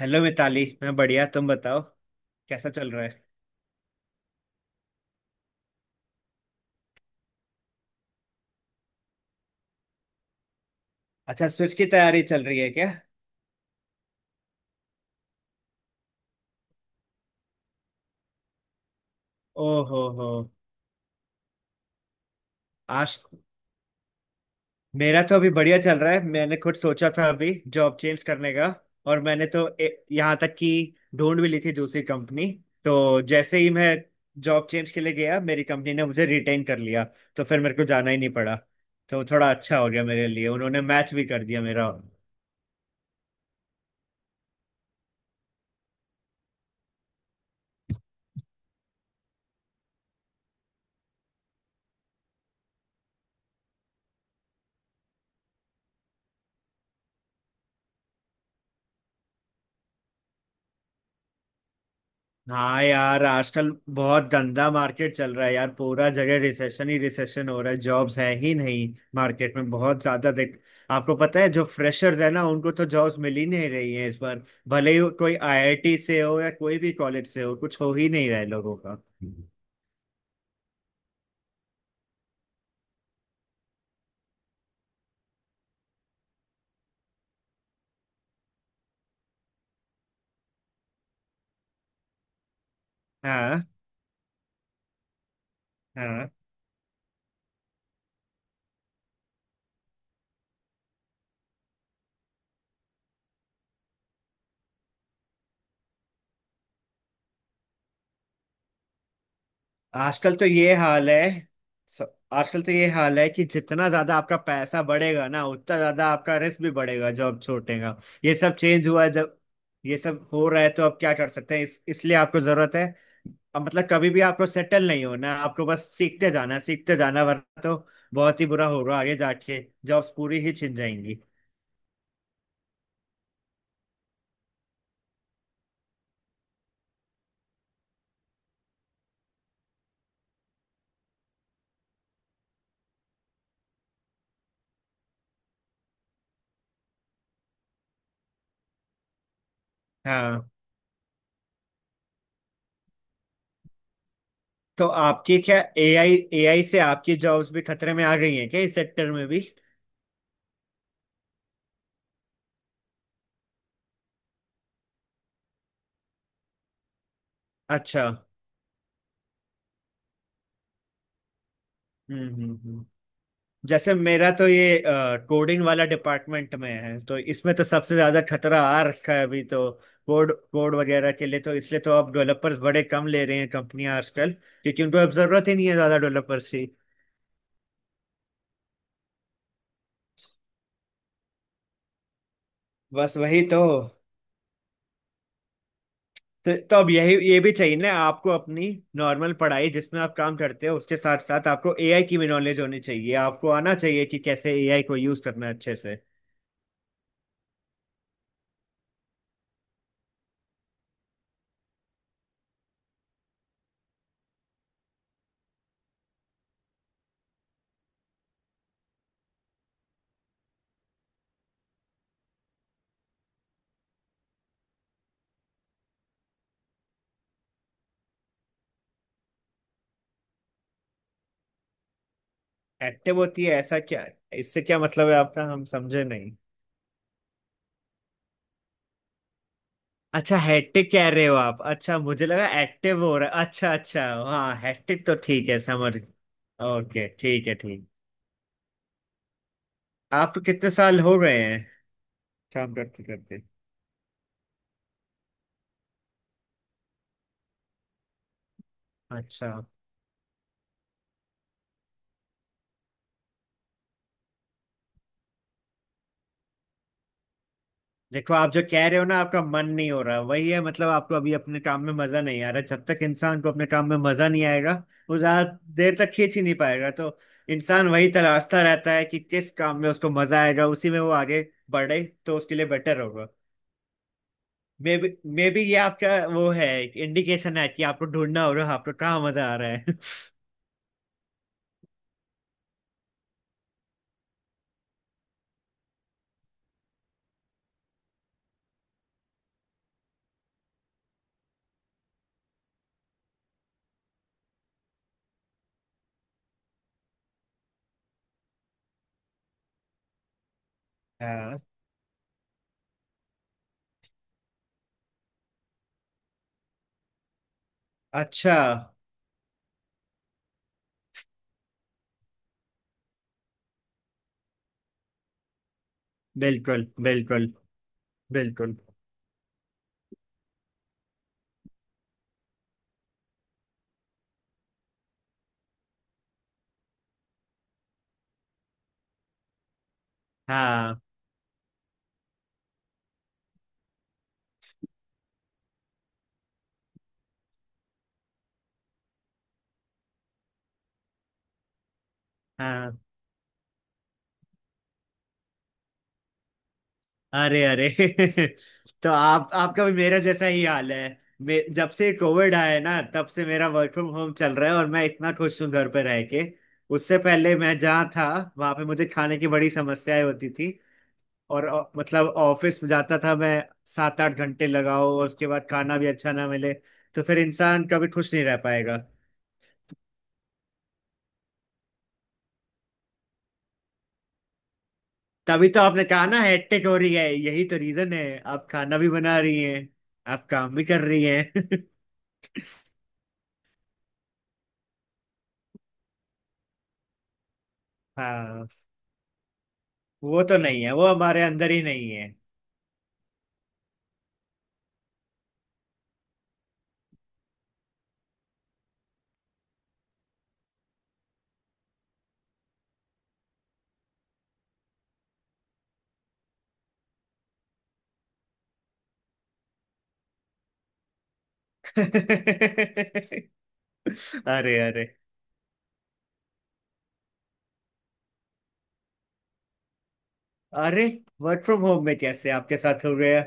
Hello Mitali. मैं बढ़िया। तुम बताओ कैसा चल रहा है। अच्छा, स्विच की तैयारी चल रही है क्या। ओहो हो। आज मेरा तो अभी बढ़िया चल रहा है। मैंने खुद सोचा था अभी जॉब चेंज करने का और मैंने तो यहाँ तक कि ढूंढ भी ली थी दूसरी कंपनी। तो जैसे ही मैं जॉब चेंज के लिए गया, मेरी कंपनी ने मुझे रिटेन कर लिया। तो फिर मेरे को जाना ही नहीं पड़ा। तो थोड़ा अच्छा हो गया मेरे लिए, उन्होंने मैच भी कर दिया मेरा। हाँ यार, आजकल बहुत गंदा मार्केट चल रहा है यार। पूरा जगह रिसेशन ही रिसेशन हो रहा है, जॉब्स है ही नहीं मार्केट में बहुत ज्यादा, देख। आपको पता है जो फ्रेशर्स है ना, उनको तो जॉब्स मिल ही नहीं रही है इस बार। भले ही वो कोई आईआईटी से हो या कोई भी कॉलेज से हो, कुछ हो ही नहीं रहा है लोगों का। हाँ, हाँ। आजकल तो ये हाल है। स- आजकल तो ये हाल है कि जितना ज्यादा आपका पैसा बढ़ेगा ना, उतना ज्यादा आपका रिस्क भी बढ़ेगा, जो अब छूटेगा। ये सब चेंज हुआ है, जब ये सब हो रहा है तो अब क्या कर सकते हैं। इस इसलिए आपको जरूरत है। अब मतलब कभी भी आपको सेटल नहीं होना, आपको बस सीखते जाना सीखते जाना, वरना तो बहुत ही बुरा होगा आगे जाके। जॉब्स पूरी ही छिन जाएंगी। हाँ। तो आपकी क्या एआई एआई से आपकी जॉब्स भी खतरे में आ गई हैं क्या, इस सेक्टर में भी। अच्छा। हम्म, हम्म, जैसे मेरा तो ये कोडिंग वाला डिपार्टमेंट में है, तो इसमें तो सबसे ज्यादा खतरा आ रखा है अभी तो। कोड कोड वगैरह के लिए, तो इसलिए तो अब डेवलपर्स बड़े कम ले रहे हैं कंपनियां आजकल। क्योंकि उनको अब जरूरत ही नहीं है ज्यादा डेवलपर्स की। बस वही तो। तो अब यही ये भी चाहिए ना आपको, अपनी नॉर्मल पढ़ाई जिसमें आप काम करते हो उसके साथ साथ आपको एआई की भी नॉलेज होनी चाहिए। आपको आना चाहिए कि कैसे एआई को यूज करना है अच्छे से। एक्टिव होती है ऐसा क्या। इससे क्या मतलब है आपका, हम समझे नहीं। अच्छा, हैट्रिक कह रहे हो आप। अच्छा, मुझे लगा एक्टिव हो रहा है। अच्छा अच्छा, हाँ, हैट्रिक तो ठीक है, समझ। ओके ठीक है, ठीक। आप कितने साल हो गए हैं काम करते करते। अच्छा। देखो, आप जो कह रहे हो ना, आपका मन नहीं हो रहा, वही है मतलब। आपको अभी अपने काम में मजा नहीं आ रहा, जब तक इंसान को अपने काम में मजा नहीं आएगा वो ज्यादा देर तक खींच ही नहीं पाएगा। तो इंसान वही तलाशता रहता है कि किस काम में उसको मजा आएगा, उसी में वो आगे बढ़े तो उसके लिए बेटर होगा। मे बी मे बी ये आपका वो है, इंडिकेशन है कि आपको ढूंढना हो रहा है आपको कहाँ मजा आ रहा है। हाँ। अच्छा। बिल्कुल, बिल्कुल, बिल्कुल। हाँ, हाँ। अरे, अरे। तो आप आपका भी मेरा जैसा ही हाल है। जब से कोविड आया है ना, तब से मेरा वर्क फ्रॉम होम चल रहा है और मैं इतना खुश हूँ घर पे रह के। उससे पहले मैं जहाँ था, वहां पे मुझे खाने की बड़ी समस्याएं होती थी और मतलब ऑफिस में जाता था मैं। 7-8 घंटे लगाओ और उसके बाद खाना भी अच्छा ना मिले, तो फिर इंसान कभी खुश नहीं रह पाएगा। तभी तो आपने कहा ना हेक्टिक हो रही है। यही तो रीजन है, आप खाना भी बना रही हैं, आप काम भी कर रही हैं। हाँ, वो तो नहीं है, वो हमारे अंदर ही नहीं है। अरे, अरे, अरे। वर्क फ्रॉम होम में कैसे आपके साथ हो गया।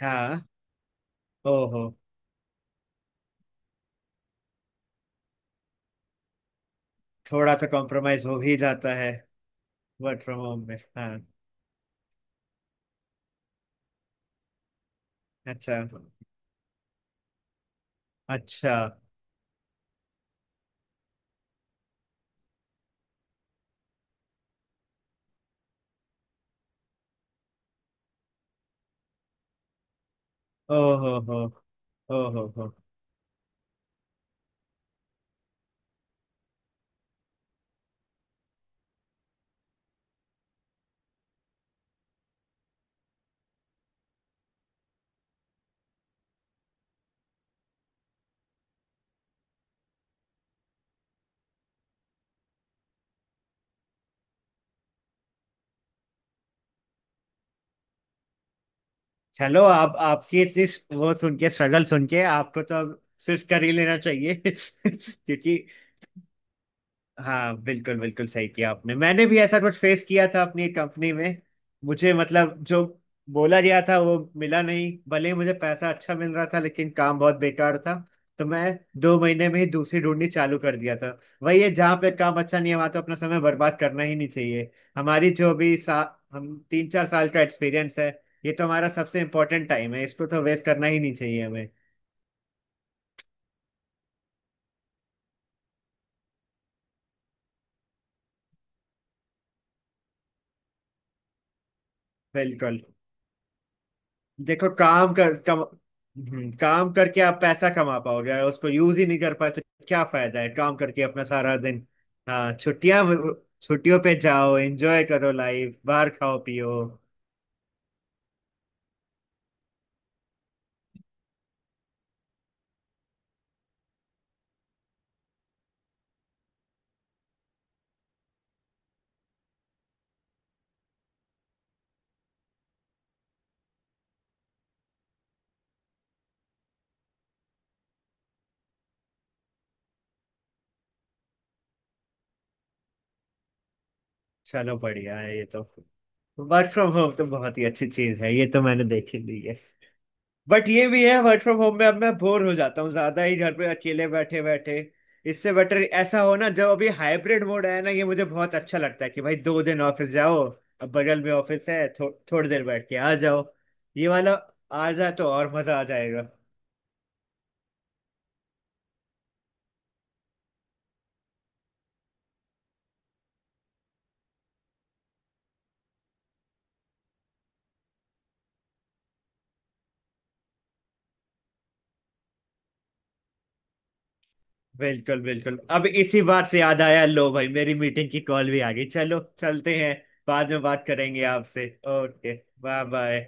हाँ। ओहो, थोड़ा तो कॉम्प्रोमाइज हो ही जाता है वर्क फ्रॉम होम में, हाँ। अच्छा, अच्छा। ओहो हो। ओहो हो। चलो, आप आपकी इतनी वो सुन के, स्ट्रगल सुन के आपको तो अब स्विच कर ही लेना चाहिए। क्योंकि। हाँ, बिल्कुल बिल्कुल सही किया आपने, मैंने भी ऐसा कुछ फेस किया था अपनी कंपनी में। मुझे मतलब जो बोला गया था वो मिला नहीं, भले ही मुझे पैसा अच्छा मिल रहा था लेकिन काम बहुत बेकार था। तो मैं 2 महीने में ही दूसरी ढूंढनी चालू कर दिया था। वही है, जहाँ पे काम अच्छा नहीं है वहाँ तो अपना समय बर्बाद करना ही नहीं चाहिए। हमारी जो भी सा हम 3-4 साल का एक्सपीरियंस है। ये तो हमारा सबसे इम्पोर्टेंट टाइम है, इसको तो वेस्ट करना ही नहीं चाहिए हमें। बिल्कुल। देखो काम करके आप पैसा कमा पाओगे, अगर उसको यूज ही नहीं कर पाए तो क्या फायदा है काम करके अपना सारा दिन। हाँ छुट्टियां, छुट्टियों पे जाओ एंजॉय करो लाइफ, बाहर खाओ पियो। चलो बढ़िया है ये तो। वर्क फ्रॉम होम तो बहुत ही अच्छी चीज है, ये तो मैंने देखी ली है। बट ये भी है, वर्क फ्रॉम होम में अब मैं बोर हो जाता हूँ ज्यादा ही घर पे अकेले बैठे बैठे। इससे बेटर ऐसा हो ना, जब अभी हाइब्रिड मोड आया ना, ये मुझे बहुत अच्छा लगता है कि भाई 2 दिन ऑफिस जाओ। अब बगल में ऑफिस है, थोड़ी देर बैठ के आ जाओ। ये वाला आ जाए तो और मजा आ जाएगा। बिल्कुल बिल्कुल, अब इसी बात से याद आया, लो भाई मेरी मीटिंग की कॉल भी आ गई। चलो चलते हैं। बाद में बात करेंगे आपसे। ओके। Bye bye.